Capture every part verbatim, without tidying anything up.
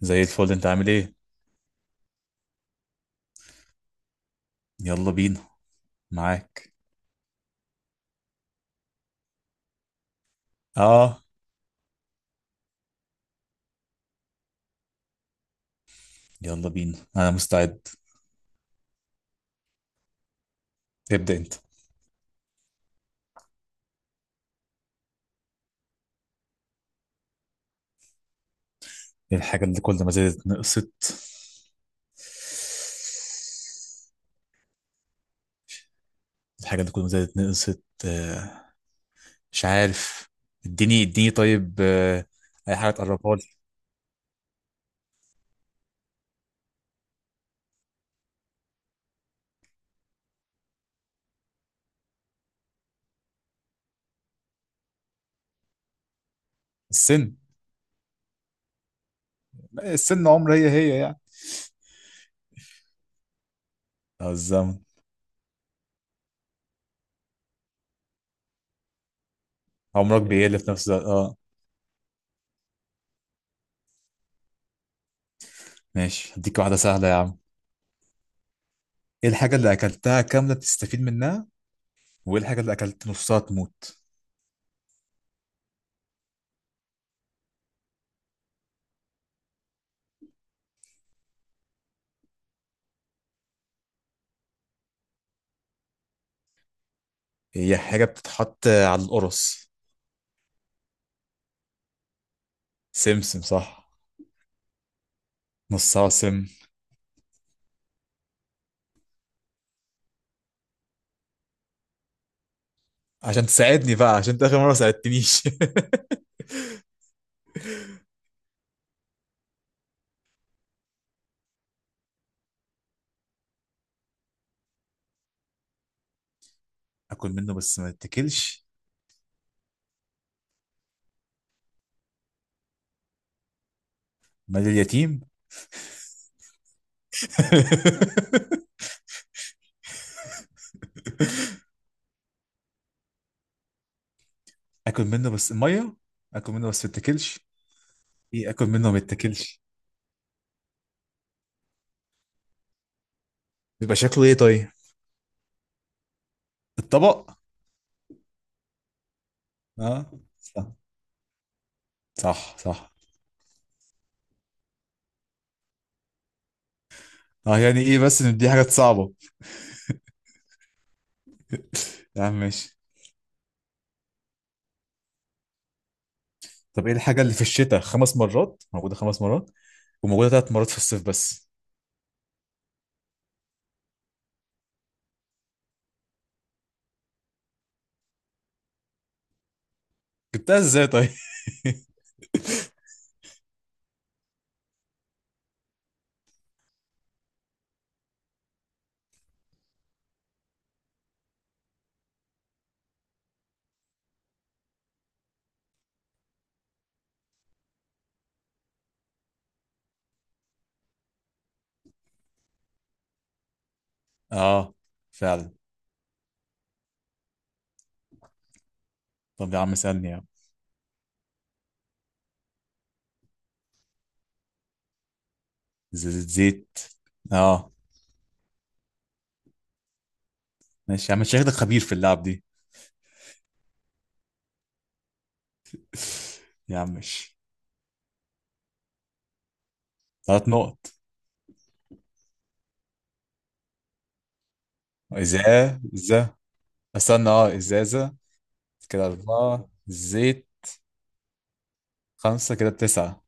زي الفل، انت عامل ايه؟ يلا بينا. معاك. اه. يلا بينا، انا مستعد. ابدأ انت. إيه الحاجة اللي كل ما زادت نقصت؟ الحاجة اللي كل ما زادت نقصت آه. مش عارف. اديني اديني طيب آه. اي حاجة تقربها لي. السن. السن عمر، هي هي يعني. اه، الزمن. عمرك بيقل في نفس الوقت، اه. ماشي، هديك واحدة سهلة يا عم. ايه الحاجة اللي اكلتها كاملة بتستفيد منها؟ وايه الحاجة اللي اكلت نصها تموت؟ هي حاجة بتتحط على القرص. سمسم، صح. نص عاصم. عشان تساعدني بقى، عشان انت اخر مره ما ساعدتنيش. اكل منه بس ما اتاكلش. مال اليتيم. اكل منه بس ميه. اكل منه بس ما اتاكلش. ايه اكل منه ما اتاكلش؟ بيبقى شكله ايه طيب؟ الطبق. اه، صح، صح، صح. اه يعني ايه، بس ان دي حاجات صعبه. يا عم ماشي. طب ايه الحاجه اللي في الشتاء خمس مرات موجوده خمس مرات وموجوده ثلاث مرات في الصيف بس؟ جبتها ازاي طيب؟ اه، فعلا. طب يا عم سألني. زيت زيت. اه. ماشي يا عم، انت شكلك خبير في اللعب دي. يا عم ماشي. ثلاث نقط. إزازة. استنى، اه، إزازة. كده أربعة، زيت. خمسة، كده بتسعة.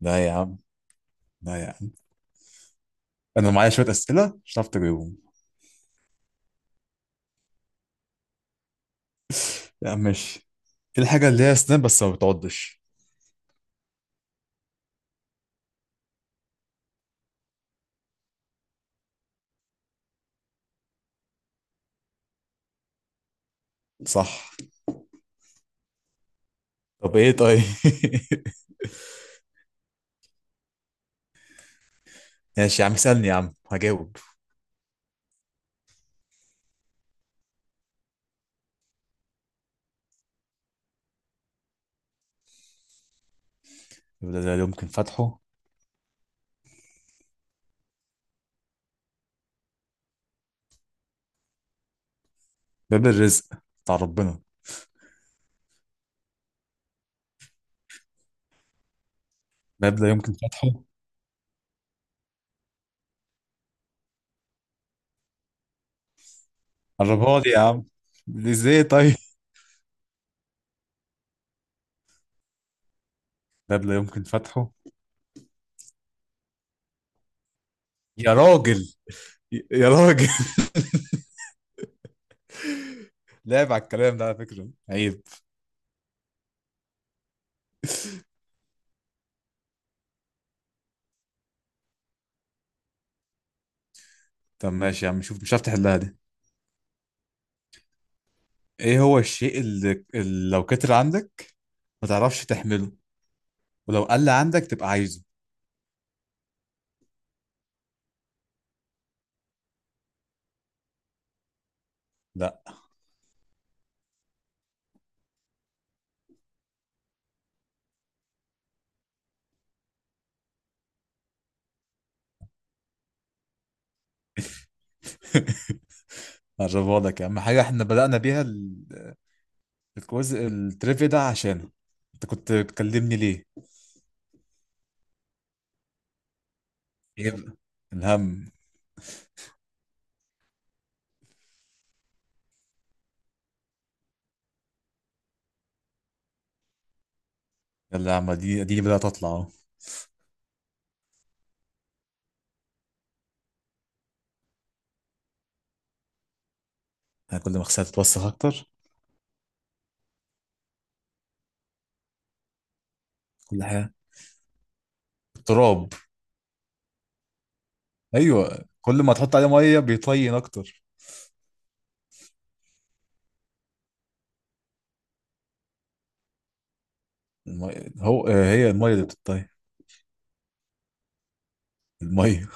لا يا عم. لا يا عم. أنا معايا شوية أسئلة مش هتعرف تجاوبهم. يا عم ماشي. إيه الحاجة اللي هي سناب بس ما بتعضش؟ صح. طب إيه طيب. ماشي يا عم سألني، يا عم هجاوب. باب لا يمكن فتحه. باب الرزق. بتاع ربنا. باب لا يمكن فتحه. قربها لي يا عم. ازاي طيب؟ ده اللي يمكن فتحه. يا راجل. يا راجل. لعب على الكلام ده على فكرة عيب. طب ماشي يا عم، شوف مش عارف تحلها دي. ايه هو الشيء اللي, اللي لو كتر عندك ما تعرفش تحمله، ولو قل عندك تبقى عايزه. لا. هجربها لك يا عم، حاجة احنا بدأنا بيها ال- الكويز التريفيا ده، عشان انت كنت بتكلمني ليه؟ ايه بقى؟ الهم. يلا يا عم، دي دي بدأت تطلع اهو. أنا كل ما خسرت تتوسخ اكتر. كل حاجة. التراب. ايوه، كل ما تحط عليه مية بيطين اكتر. المية هو آه، هي المية اللي بتطير. المية.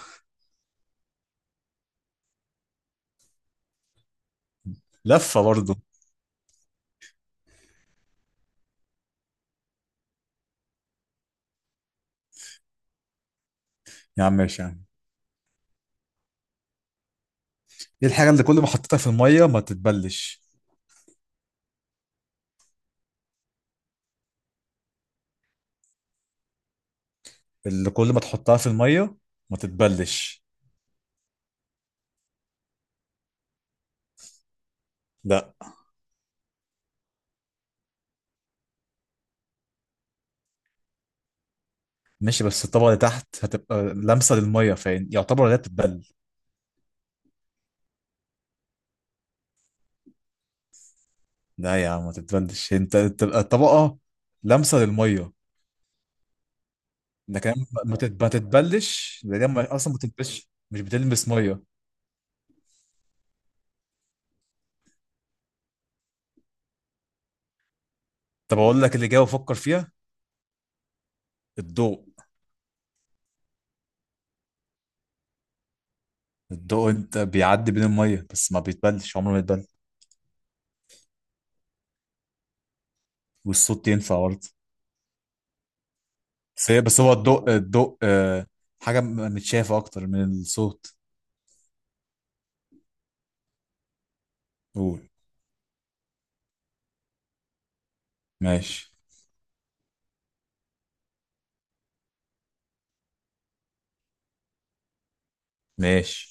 لفة برضه. يا عم ماشي يا عم. ايه الحاجة اللي كل ما حطيتها في المية ما تتبلش؟ اللي كل ما تحطها في المية ما تتبلش. لا. ماشي، بس الطبقة اللي تحت هتبقى لامسة للمية، فين يعتبر لا تتبل. لا يا عم ما تتبلش، انت تبقى الطبقة لامسة للمية. لكن ما ما تت- ما تتبلش، لان هي ما- اصلا ما بتلبسش، مش بتلمس مية. طب اقول لك اللي جاي وفكر فيها. الضوء. الضوء انت بيعدي بين المية بس ما بيتبلش، عمره ما يتبل. والصوت ينفع برضه. بس هي بس هو الضوء الضوء آه، حاجة م- متشافة أكتر من الصوت. قول. ماشي. ماشي،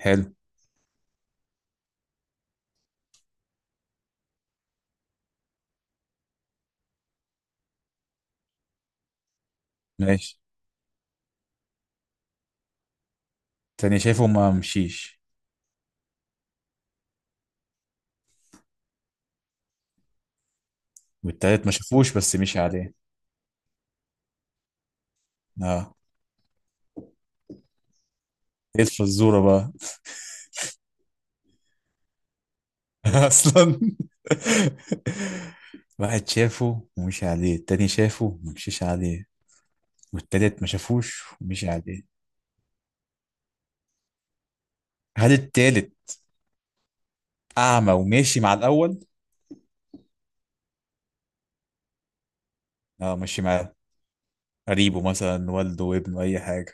حلو. ماشي. تاني شايفه ما مشيش. والتالت ما شافوش بس مشي عليه. اه. ايه الفزورة بقى؟ أصلا واحد شافه ومشي عليه، التاني شافه ومشيش عليه، والتالت ما شافوش ومشي عليه. هل التالت أعمى وماشي مع الأول؟ اه، ماشي معاه. قريبه مثلا، والده وابنه، أي حاجة.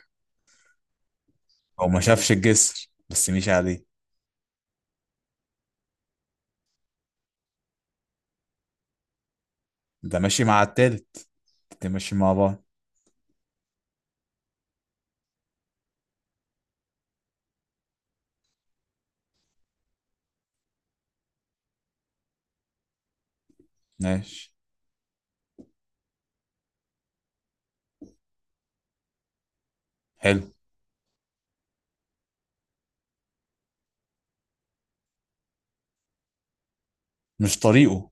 هو ما شافش الجسر بس مشي عليه. ده ماشي مع التالت. الاتنين ماشيين مع بعض. ماشي، حلو. مش طريقه.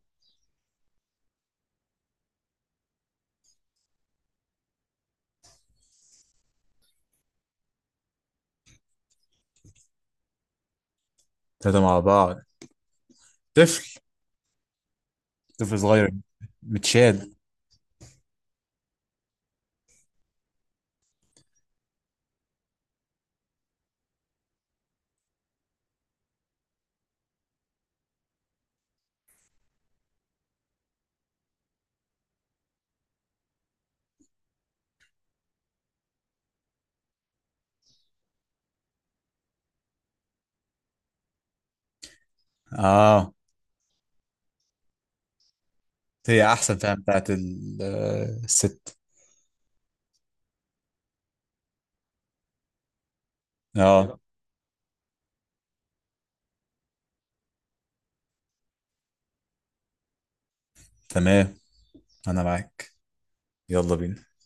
تلاتة مع بعض. طفل. طفل صغير. متشال. اه، هي احسن فعلا بتاعت ال- آه، الست. اه. تمام. انا معاك. يلا بينا.